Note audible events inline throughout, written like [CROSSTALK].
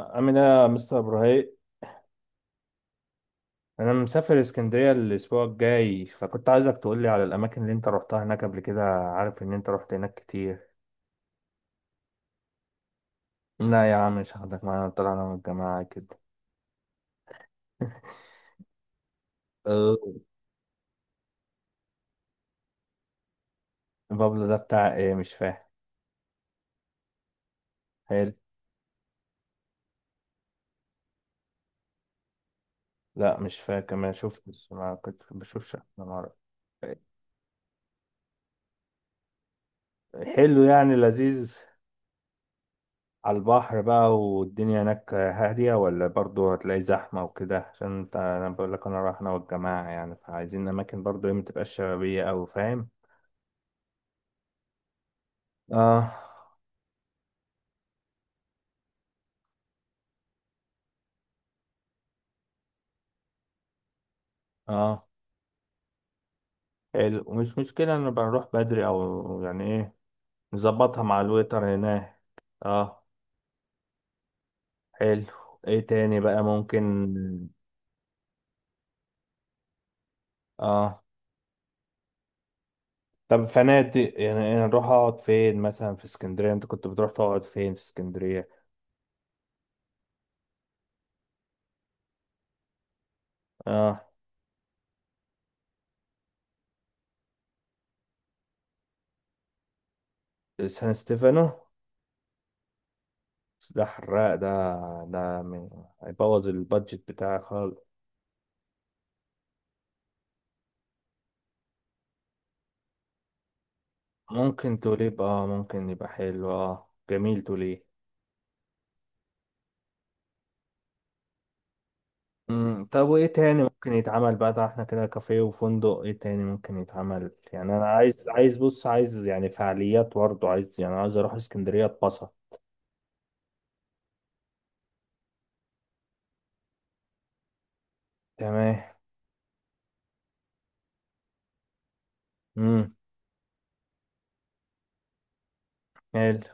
عامل ايه يا مستر ابراهيم؟ انا مسافر اسكندريه الاسبوع الجاي، فكنت عايزك تقول لي على الاماكن اللي انت روحتها هناك قبل كده. عارف ان انت روحت هناك كتير. لا يا عم، مش هاخدك معايا. طلعنا من الجماعه كده. [LAUGHS] أه، بابلو ده بتاع ايه؟ مش فاهم. حلو. لا مش فاهم كمان، ما كنت بشوفش انا مرة. حلو، يعني لذيذ. على البحر بقى، والدنيا هناك هادية ولا برضو هتلاقي زحمة وكده؟ عشان انت، انا بقول لك انا رايح انا والجماعة يعني، فعايزين اماكن برضو ايه، متبقاش شبابية اوي، فاهم. اه. اه. حلو، ومش مشكلة ان بنروح بدري او يعني ايه. نظبطها مع الويتر هناك. اه. حلو. ايه تاني بقى ممكن؟ اه. طب فنادق يعني إيه، نروح اقعد فين مثلا في اسكندرية؟ انت كنت بتروح تقعد فين في اسكندرية؟ اه. سان ستيفانو. ده حراق ده. ده من- هيبوظ البادجت بتاعي خالص. ممكن توليب، اه ممكن يبقى حلو، اه جميل توليب. طب وايه تاني ممكن يتعمل بقى؟ ده احنا كده كافيه وفندق، ايه تاني ممكن يتعمل؟ يعني انا عايز بص، عايز يعني فعاليات برضه، عايز يعني، عايز اروح اسكندرية اتبسط. تمام. امم. حلو.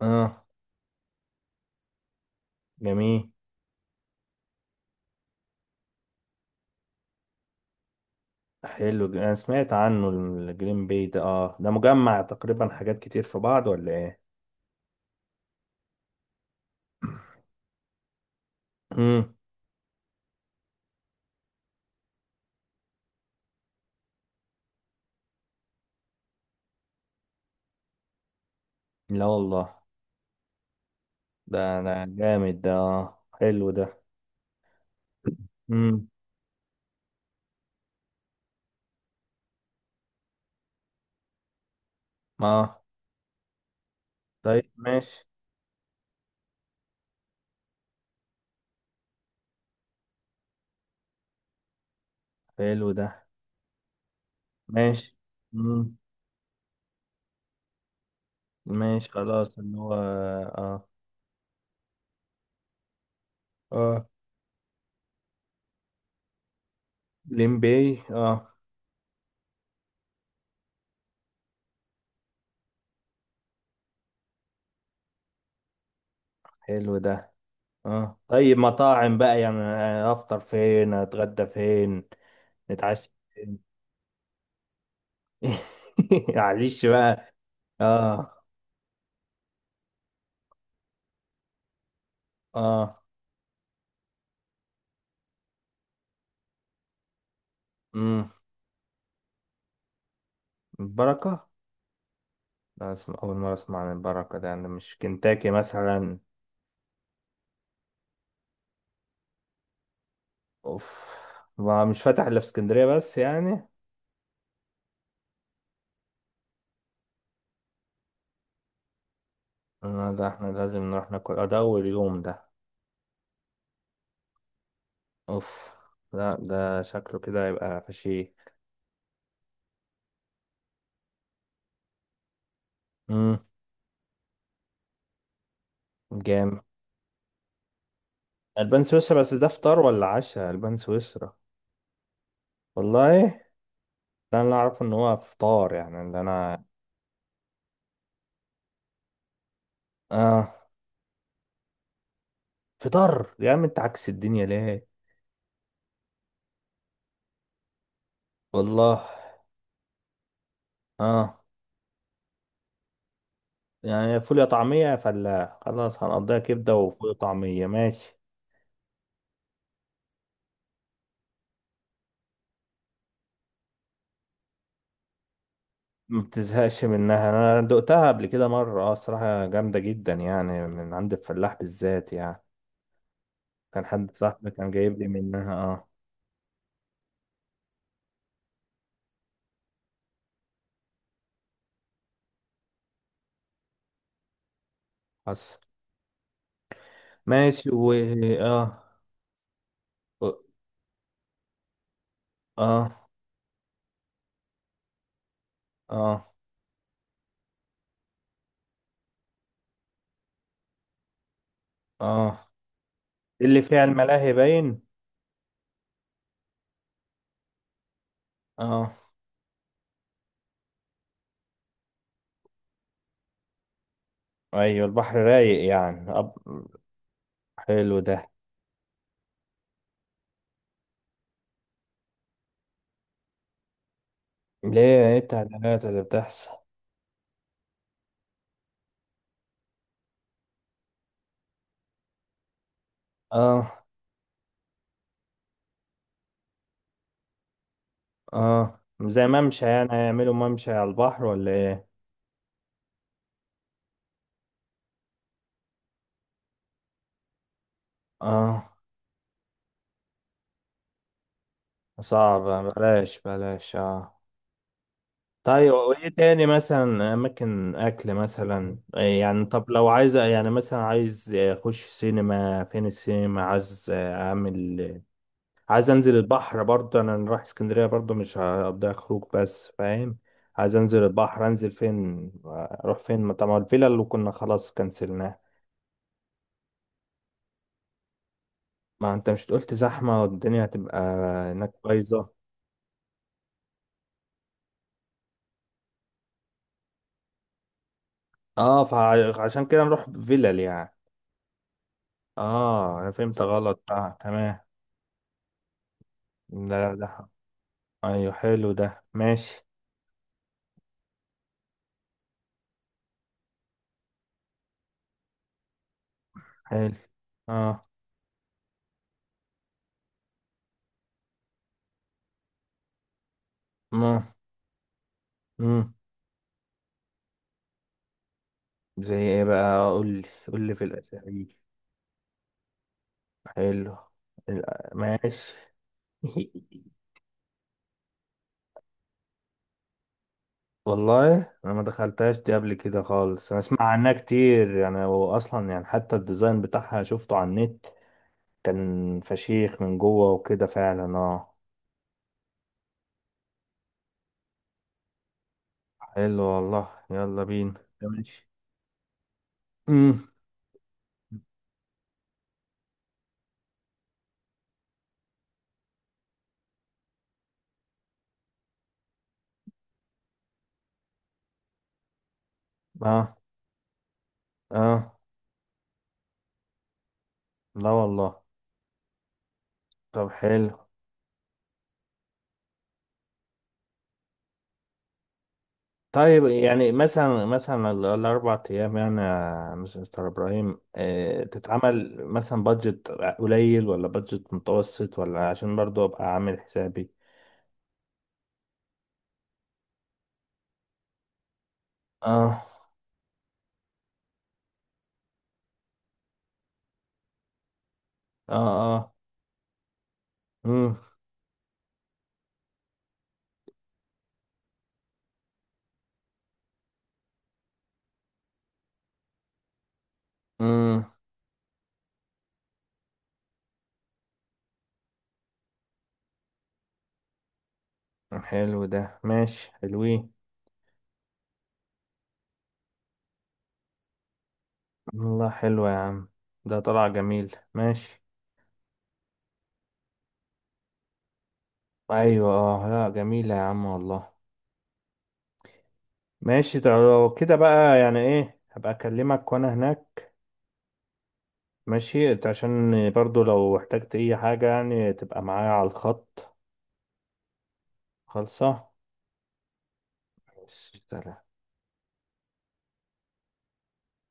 اه. جميل. حلو. انا سمعت عنه الجرين بي ده، اه ده مجمع تقريبا حاجات كتير في بعض ولا ايه؟ امم. لا والله، ده جامد ده، حلو ده. امم. اه طيب ماشي. حلو ده ماشي. امم. ماشي خلاص، اللي هو. اه. اه. لمبي اه. حلو ده. اه طيب، مطاعم بقى يعني، افطر فين، اتغدى فين، نتعشى فين؟ [LAUGHS] معلش بقى. اه. اه. امم. البركة. لا، اسم اول مرة اسمع عن البركة ده، يعني مش كنتاكي مثلا؟ اوف. ما مش فاتح الا في اسكندريه بس يعني. لا ده احنا لازم نروح ناكل، ده اول يوم ده. اوف. لا ده شكله كده هيبقى فشي. امم. جامد. البان سويسرا بس ده فطار ولا عشاء؟ البان سويسرا. والله. ده انا اعرف ان هو فطار يعني، اللي انا. اه. فطار؟ يا عم انت عكس الدنيا ليه؟ والله. اه. يعني فول، يا طعميه، يا فلاح. خلاص هنقضيها كبده وفول وطعميه، ماشي. ما بتزهقش منها. انا دقتها قبل كده مره، اه الصراحه جامده جدا يعني، من عند الفلاح بالذات يعني. كان حد صاحبي كان جايب لي منها، اه. حصل. ماشي و. اه. اه. اه. اه. اللي فيها الملاهي باين. اه. ايوه البحر رايق يعني حلو ده. ليه؟ ايه التعديلات اللي بتحصل؟ اه. اه زي ممشى يعني، هيعملوا ممشى على البحر ولا ايه؟ اه صعبة، بلاش بلاش اه. طيب، وايه تاني مثلا اماكن اكل مثلا إيه يعني؟ طب لو عايز يعني، مثلا عايز اخش سينما، فين السينما، عايز اعمل. عايز انزل البحر برضه، انا رايح اسكندريه برضه مش هقضيها خروج بس، فاهم. عايز انزل البحر، انزل فين، اروح فين؟ ما طبعا الفيلا اللي كنا خلاص كنسلناها. ما انت مش قلت زحمه والدنيا هتبقى هناك بايظه؟ اه فعشان كده نروح فيلل يعني. اه انا فهمت غلط، اه تمام. لا. لا لا. ايوه حلو ده ماشي. حلو. اه. ما. امم. زي ايه بقى، قول لي. قول لي في الاسامي. حلو. ماشي. [LAUGHS] والله انا ما دخلتهاش دي قبل كده خالص، انا اسمع عنها كتير يعني، هو اصلا يعني حتى الديزاين بتاعها شفته على النت. كان فشيخ من جوه وكده فعلا، اه. حلو والله، يلا بينا. ماشي. امم. اه. اه. لا والله. طب حلو. طيب يعني مثلا الـ4 أيام يعني، يا مستر إبراهيم، تتعمل مثلا بادجت قليل ولا بادجت متوسط؟ ولا عشان برضو أبقى عامل حسابي. اه. اه. اه. مم. مم. حلو ده، ماشي، حلوين. والله حلو يا عم، ده طلع جميل، ماشي. أيوة اه، لا جميلة يا عم والله. ماشي. طب لو كده بقى يعني إيه، هبقى أكلمك وأنا هناك. ماشي. انت عشان برضو لو احتجت اي حاجة يعني تبقى معايا على الخط. خالصة. بس، سلام.